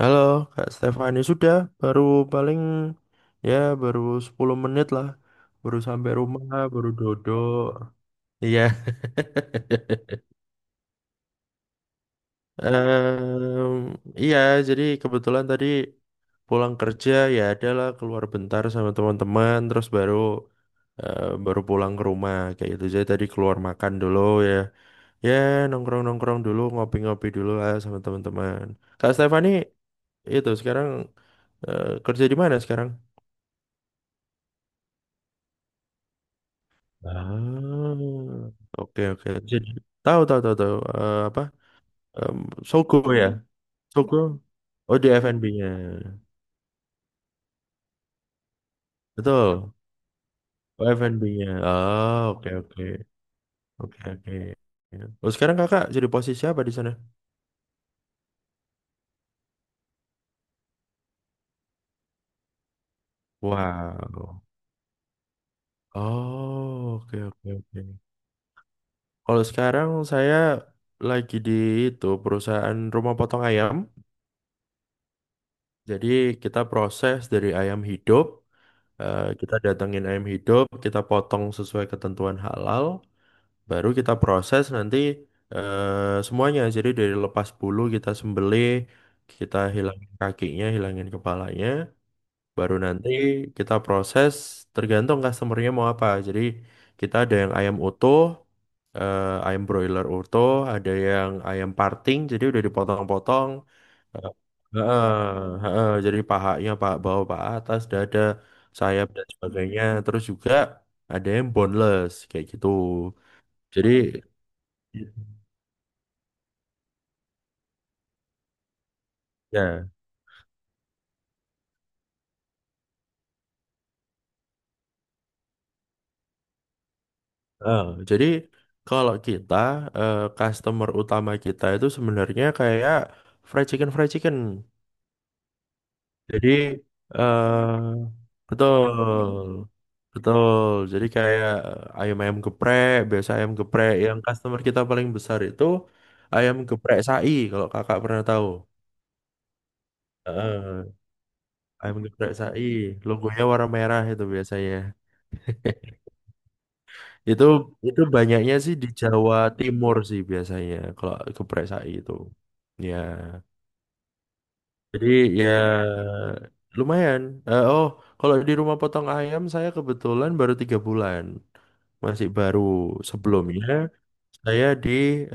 Halo Kak Stefani, sudah baru paling ya baru 10 menit lah. Baru sampai rumah, baru dodok. Iya. Em, iya, jadi kebetulan tadi pulang kerja ya adalah keluar bentar sama teman-teman terus baru pulang ke rumah kayak gitu. Jadi tadi keluar makan dulu ya. Ya, nongkrong-nongkrong dulu, ngopi-ngopi dulu lah sama teman-teman. Kak Stefani itu sekarang kerja di mana sekarang? Ah, oke oke. Jadi tahu tahu tahu tahu. Eh, apa? Em, Sogo ya, Sogo. Oh di F&B-nya, betul. Oh F&B-nya. Oh oke oke oke oke. Oh sekarang kakak jadi posisi apa di sana? Wow. Oh oke oke oke. Kalau sekarang saya lagi di itu perusahaan rumah potong ayam. Jadi kita proses dari ayam hidup. Kita datengin ayam hidup, kita potong sesuai ketentuan halal, baru kita proses nanti semuanya. Jadi dari lepas bulu kita sembelih, kita hilangin kakinya, hilangin kepalanya, baru nanti kita proses tergantung customernya mau apa. Jadi kita ada yang ayam utuh, ayam broiler utuh, ada yang ayam parting, jadi udah dipotong-potong. Heeh, heeh. Jadi pahanya pak bawah pak atas dada sayap dan sebagainya terus juga ada yang boneless kayak gitu, jadi ya. Heeh, jadi kalau kita customer utama kita itu sebenarnya kayak fried chicken fried chicken. Jadi eh betul, betul. Jadi kayak ayam ayam geprek, biasa ayam geprek yang customer kita paling besar itu ayam geprek sai, kalau kakak pernah tahu. Eh, ayam geprek sai, logonya warna merah itu biasanya. Itu itu banyaknya sih di Jawa Timur sih biasanya, kalau geprek sai itu. Ya. Jadi ya lumayan. Eh, oh, kalau di rumah potong ayam saya kebetulan baru 3 bulan, masih baru. Sebelumnya saya di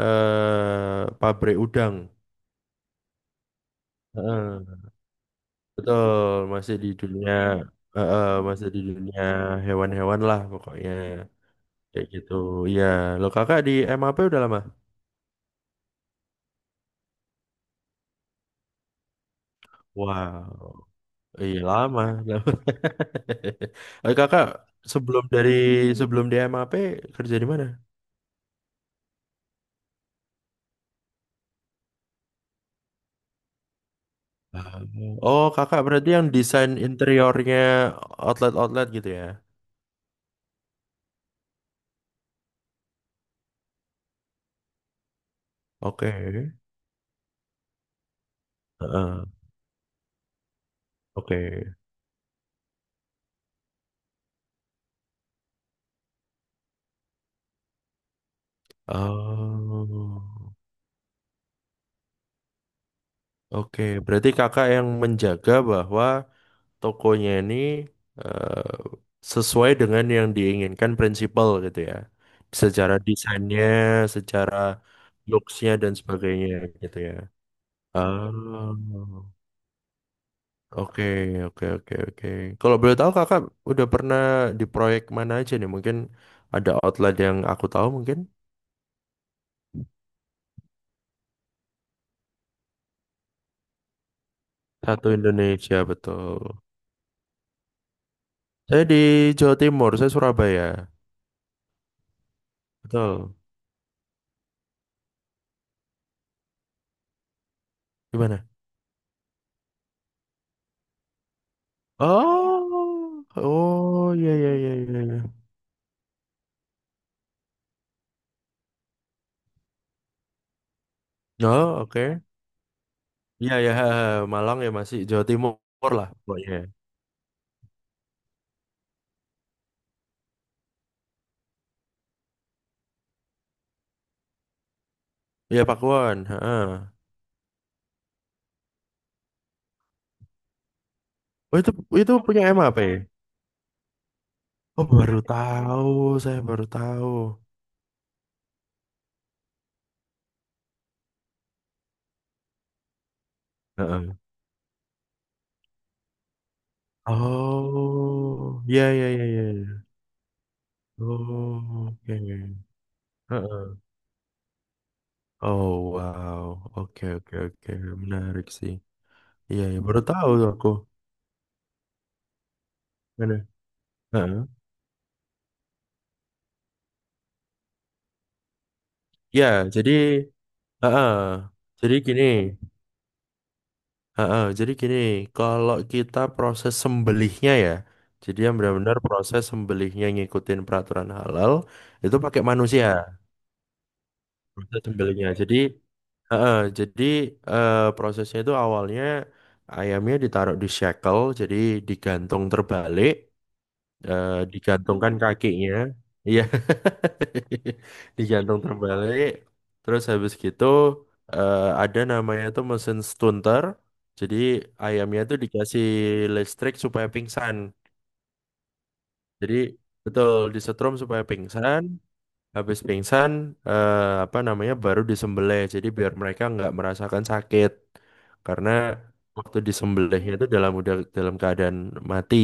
pabrik udang. Heeh, betul, masih di dunia, masih di dunia hewan-hewan lah pokoknya kayak gitu. Iya, lo kakak di M A P udah lama? Wow, iya lama, lama. Kakak sebelum dari sebelum di M A P kerja di mana? Oh, kakak berarti yang desain interiornya outlet-outlet gitu ya? Oke. Heeh. Oke. Oh. Oke, berarti kakak yang menjaga bahwa tokonya ini eh, sesuai dengan yang diinginkan prinsipal gitu ya. Secara desainnya, secara looks-nya dan sebagainya gitu ya. Oh. Oke, oke, oke, oke. Kalau boleh tahu kakak udah pernah di proyek mana aja nih? Mungkin ada outlet yang aku tahu mungkin. Satu Indonesia, betul. Saya di Jawa Timur, saya Surabaya. Betul. Gimana? Oh, oh, iya, iya, iya, iya, iya. Oh, oke. Iya, iya, ha, ha. Malang ya masih Jawa Timur lah pokoknya. Iya, Pakuan, ha, ha. Oh, itu punya MAP? Oh, baru tahu, saya baru tahu. Oh, ya ya ya ya ya. Oh, oke. Heeh. Oh, wow. Oke oke oke. Menarik sih. Iya, ya, baru tahu tuh aku. Mana? Heeh. Ya, jadi heeh. Jadi gini, heeh, kalau kita proses sembelihnya ya, jadi yang benar-benar proses sembelihnya ngikutin peraturan halal itu pakai manusia proses sembelihnya. Jadi heeh, jadi prosesnya itu awalnya ayamnya ditaruh di shackle, jadi digantung terbalik, digantungkan kakinya, iya, digantung terbalik. Terus habis gitu ada namanya itu mesin stunter, jadi ayamnya itu dikasih listrik supaya pingsan. Jadi betul disetrum supaya pingsan. Habis pingsan, apa namanya, baru disembelih. Jadi biar mereka nggak merasakan sakit. Karena waktu disembelihnya itu dalam udah dalam keadaan mati.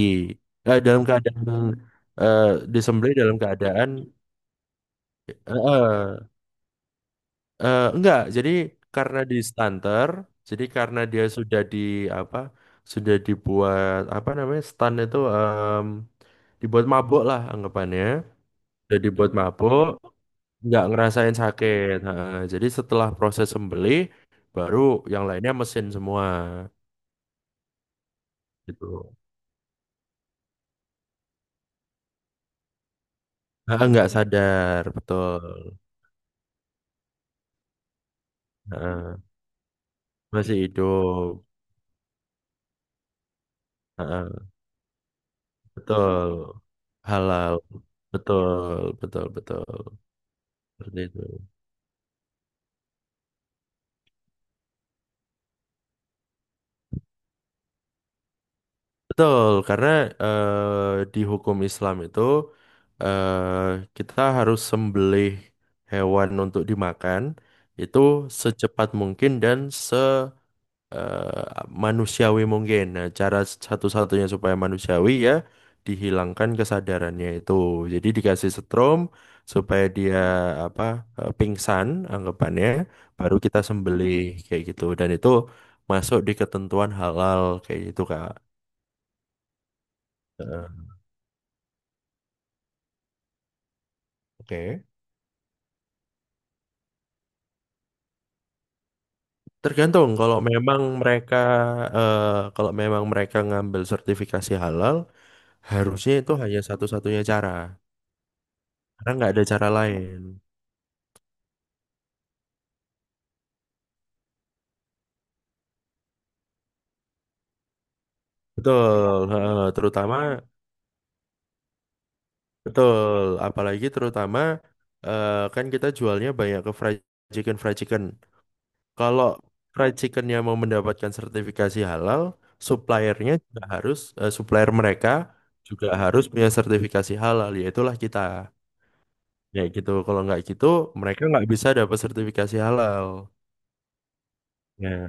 Dalam keadaan eh, disembelih dalam keadaan eh, eh, enggak. Jadi karena di stunter, jadi karena dia sudah di apa, sudah dibuat apa namanya stun itu, dibuat mabuk lah anggapannya. Sudah dibuat mabuk, nggak ngerasain sakit. Heeh. Jadi setelah proses sembelih, baru yang lainnya mesin semua gitu. Heeh, nggak sadar, betul. Heeh. Masih hidup. Heeh, betul. Halal, betul, betul, betul. Seperti itu. Betul, karena di hukum Islam itu kita harus sembelih hewan untuk dimakan itu secepat mungkin dan manusiawi mungkin. Nah, cara satu-satunya supaya manusiawi ya dihilangkan kesadarannya itu. Jadi dikasih setrum supaya dia apa, pingsan anggapannya, baru kita sembelih kayak gitu. Dan itu masuk di ketentuan halal kayak gitu, Kak. Heeh. Oke. Tergantung kalau memang eh, mereka ngambil sertifikasi halal, harusnya itu hanya satu-satunya cara. Karena nggak ada cara lain. Betul, heeh, terutama betul, apalagi terutama kan kita jualnya banyak ke fried chicken fried chicken. Kalau fried chickennya mau mendapatkan sertifikasi halal, suppliernya juga harus supplier mereka juga harus punya sertifikasi halal, yaitulah kita. Ya gitu, kalau nggak gitu mereka nggak bisa dapat sertifikasi halal. Ya,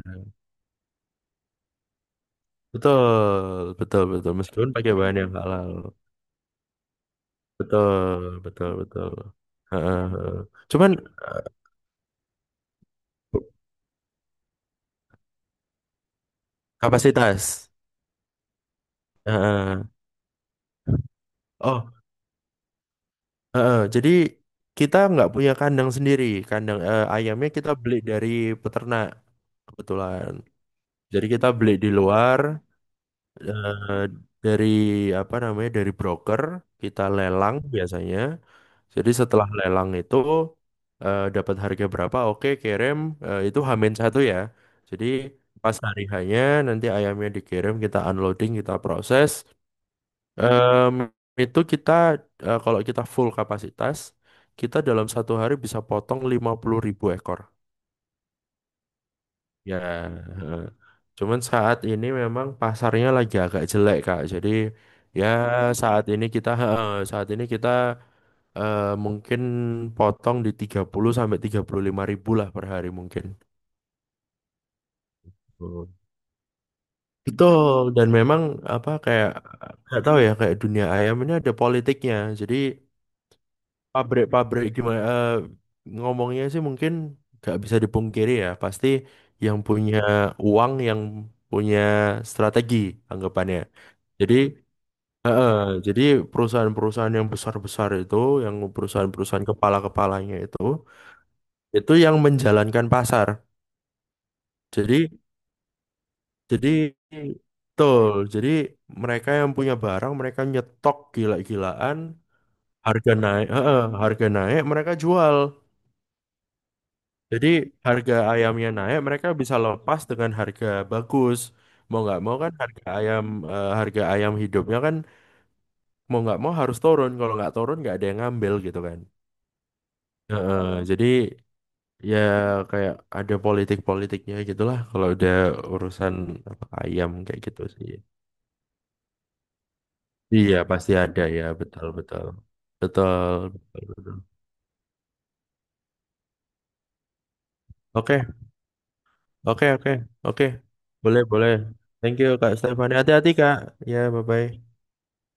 betul, betul, betul. Meskipun pakai bahan yang halal, betul, betul, betul. Heeh, heeh. Cuman kapasitas. Heeh. Oh, heeh. Jadi kita nggak punya kandang sendiri. Kandang ayamnya kita beli dari peternak kebetulan. Jadi kita beli di luar eh, dari apa namanya dari broker, kita lelang biasanya. Jadi setelah lelang itu dapat harga berapa? Oke, kirim. Itu Hamin satu ya. Jadi pas hari hanya nanti ayamnya dikirim kita unloading kita proses. Em, itu kita kalau kita full kapasitas, kita dalam satu hari bisa potong 50 ribu ekor. Ya, eh. cuman saat ini memang pasarnya lagi agak jelek, Kak. Jadi ya saat ini kita mungkin potong di 30 sampai 35 ribu lah per hari mungkin. Hmm. Betul, dan memang apa kayak nggak tahu ya kayak dunia ayam ini ada politiknya. Jadi pabrik-pabrik gimana ngomongnya sih mungkin gak bisa dipungkiri ya pasti yang punya uang, yang punya strategi anggapannya, jadi eh, eh, jadi perusahaan-perusahaan yang besar-besar itu, yang perusahaan-perusahaan kepala-kepalanya itu yang menjalankan pasar. jadi jadi betul, jadi mereka yang punya barang, mereka nyetok gila-gilaan, harga naik harga naik mereka jual. Jadi harga ayamnya naik, mereka bisa lepas dengan harga bagus. Mau nggak mau kan harga ayam harga ayam hidupnya kan mau nggak mau harus turun. Kalau nggak turun nggak ada yang ngambil gitu kan. Heeh, jadi ya kayak ada politik-politiknya gitulah kalau udah urusan apa, ayam kayak gitu sih. Iya pasti ada ya, betul betul betul betul, betul. Oke oke oke oke, boleh boleh. Thank you Kak Stefan. Hati-hati Kak. Ya bye bye.